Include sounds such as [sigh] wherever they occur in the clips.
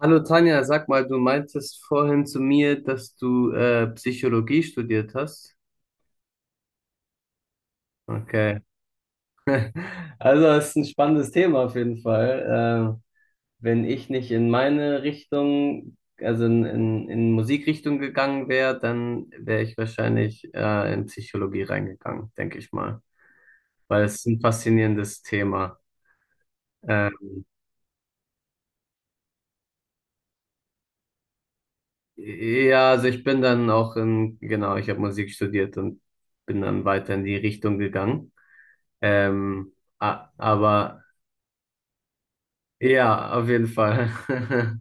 Hallo Tanja, sag mal, du meintest vorhin zu mir, dass du Psychologie studiert hast. Okay. Also, das ist ein spannendes Thema auf jeden Fall. Wenn ich nicht in meine Richtung, also in Musikrichtung gegangen wäre, dann wäre ich wahrscheinlich in Psychologie reingegangen, denke ich mal. Weil es ist ein faszinierendes Thema. Äh, ja, also ich bin dann auch in, genau, ich habe Musik studiert und bin dann weiter in die Richtung gegangen. Ähm, aber ja, auf jeden Fall. [laughs]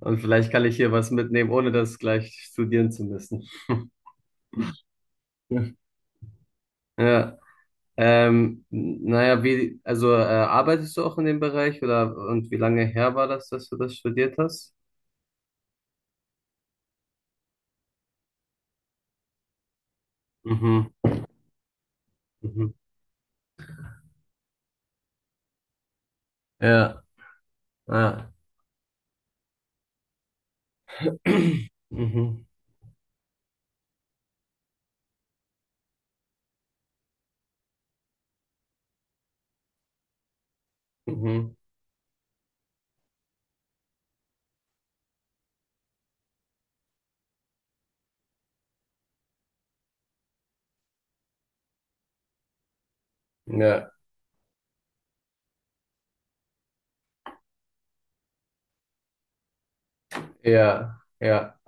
Und vielleicht kann ich hier was mitnehmen, ohne das gleich studieren zu müssen. [laughs] Ja. Naja, wie, also arbeitest du auch in dem Bereich oder und wie lange her war das, dass du das studiert hast? Mhm. Mhm. Ja, ja. [clears throat] Mhm. Mhm. Ja, ja, ja,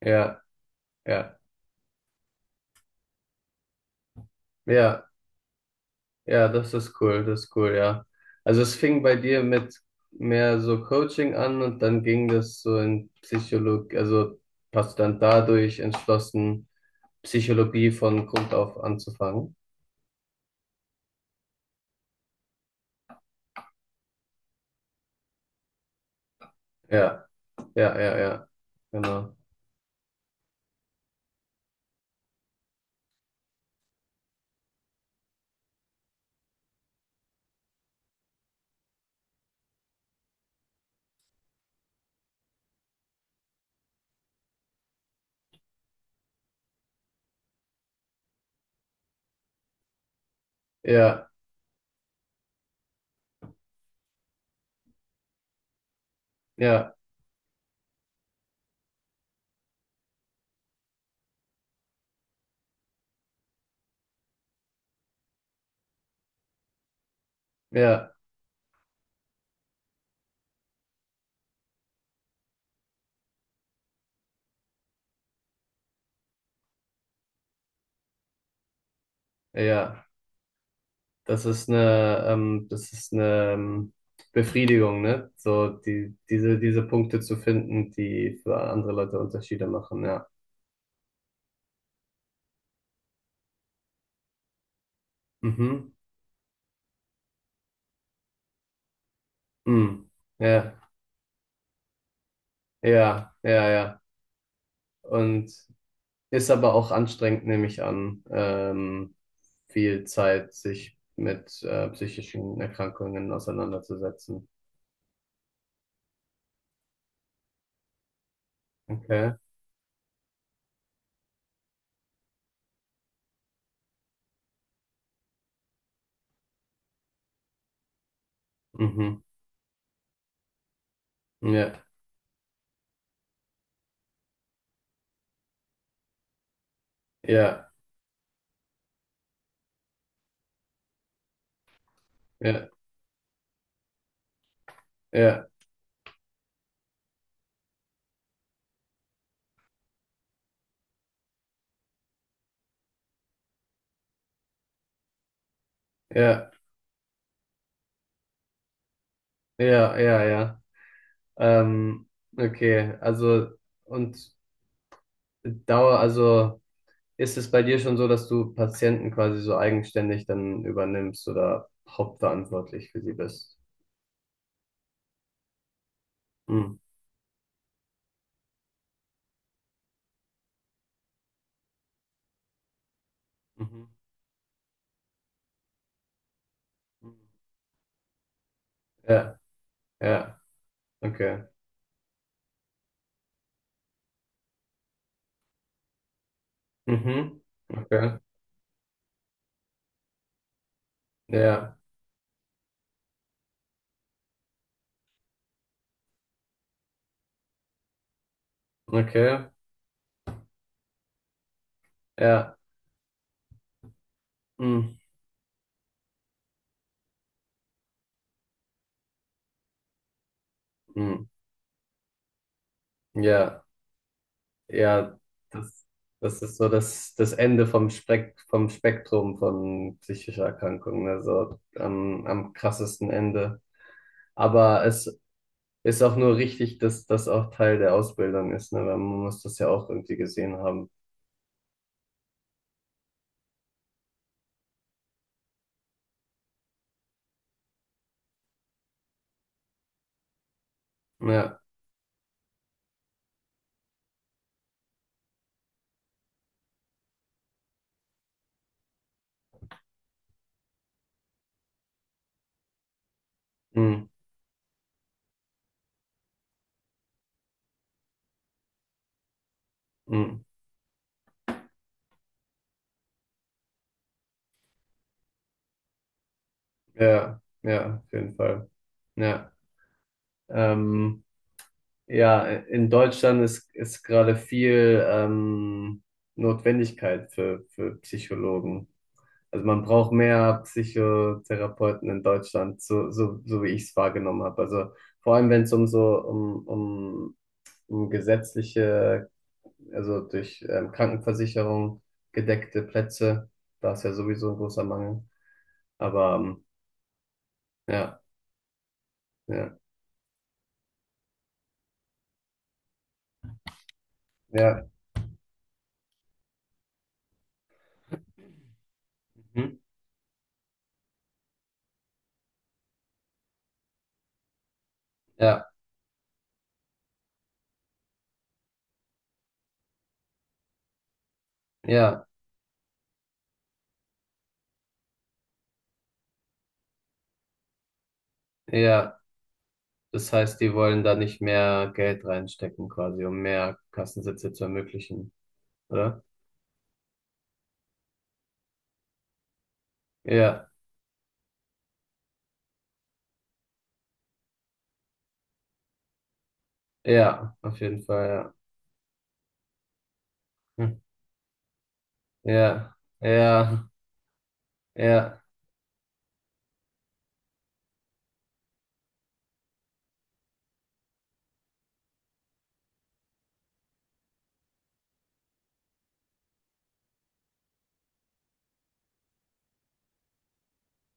ja, ja, ja. Ja, das ist cool, ja. Also es fing bei dir mit mehr so Coaching an und dann ging das so in Psychologie, also hast du dann dadurch entschlossen, Psychologie von Grund auf anzufangen. Ja, ja, ja, ja, genau. Ja, ja, ja, ja. Das ist eine Befriedigung, ne? So diese Punkte zu finden, die für andere Leute Unterschiede machen, ja. Mhm. Mhm. Ja. Ja, ja, ja. Und ist aber auch anstrengend, nehme ich an, viel Zeit sich mit psychischen Erkrankungen auseinanderzusetzen. Okay. Mhm. Ja, ja, ja, ja, ja, ja, ja, ja. Ähm, okay, also und Dauer, also ist es bei dir schon so, dass du Patienten quasi so eigenständig dann übernimmst oder hauptverantwortlich für sie bist? Hm. Mhm. Mhm. Ja, ja. Okay. Mhm. Okay. Ja. Okay. Ja. Mhm. Mhm. Ja. Ja. Das, das ist so das Ende vom Spektrum von psychischer Erkrankungen. Also am krassesten Ende. Aber es ist auch nur richtig, dass das auch Teil der Ausbildung ist, ne? Weil man muss das ja auch irgendwie gesehen haben. Ja. Mhm. Mhm. Ja. Ja. Auf jeden Fall. Ja. Ähm. Ja, in Deutschland ist gerade viel Notwendigkeit für Psychologen. Also man braucht mehr Psychotherapeuten in Deutschland, so wie ich es wahrgenommen habe. Also vor allem, wenn es um so um gesetzliche, also durch Krankenversicherung gedeckte Plätze, da ist ja sowieso ein großer Mangel. Aber ja, ja, ja. Mhm. Ja, ja, ja. Das heißt, die wollen da nicht mehr Geld reinstecken, quasi, um mehr Kassensitze zu ermöglichen, oder? Ja, ja, auf jeden Fall, ja. Hm. Ja, ja, ja.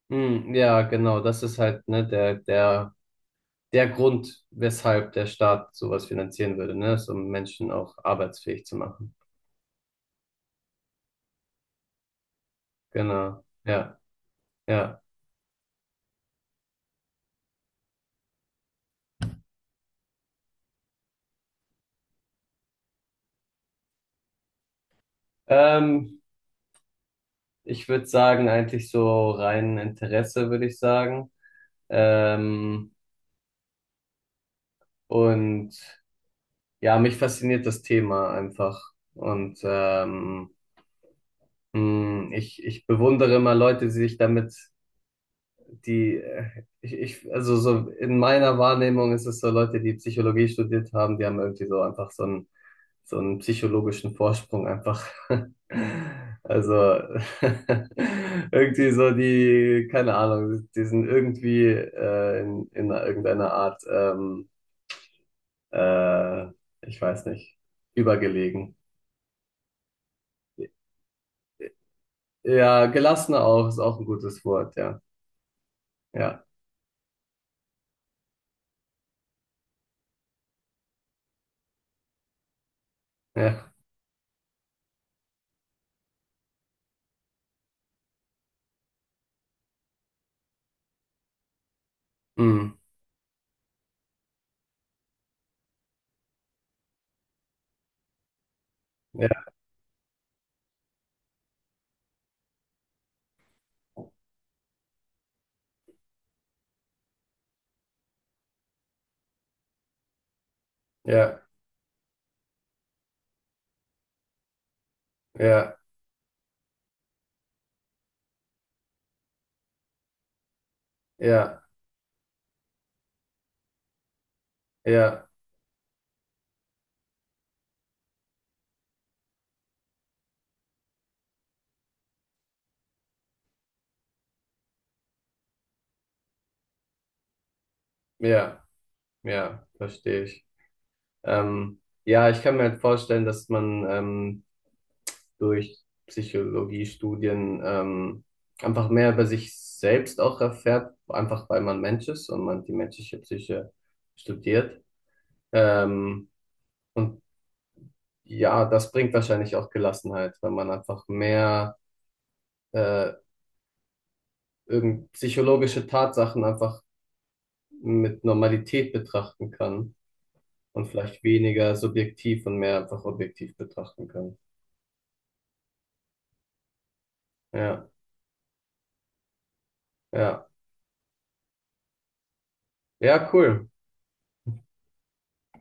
Hm, ja, genau. Das ist halt, ne, der Grund, weshalb der Staat sowas finanzieren würde, ne? Ist, um Menschen auch arbeitsfähig zu machen. Genau. Ja, ja. Ähm, ich würde sagen, eigentlich so rein Interesse, würde ich sagen. Ähm, und ja, mich fasziniert das Thema einfach. Und ich bewundere immer Leute, die sich damit, also so in meiner Wahrnehmung ist es so Leute, die Psychologie studiert haben, die haben irgendwie so einfach so einen psychologischen Vorsprung einfach. [laughs] Also [laughs] irgendwie so die, keine Ahnung, die sind irgendwie in irgendeiner Art, äh, ich weiß nicht, übergelegen. Ja, gelassen auch ist auch ein gutes Wort, ja. Ja, ja, mm, ja, ja, ja, ja, ja, ja, ja, verstehe ich. Ja, ich kann mir halt vorstellen, dass man durch Psychologiestudien einfach mehr über sich selbst auch erfährt, einfach weil man Mensch ist und man die menschliche Psyche studiert. Ähm, und ja, das bringt wahrscheinlich auch Gelassenheit, weil man einfach mehr äh, irgend psychologische Tatsachen einfach mit Normalität betrachten kann und vielleicht weniger subjektiv und mehr einfach objektiv betrachten kann. Ja, ja. Ja, cool.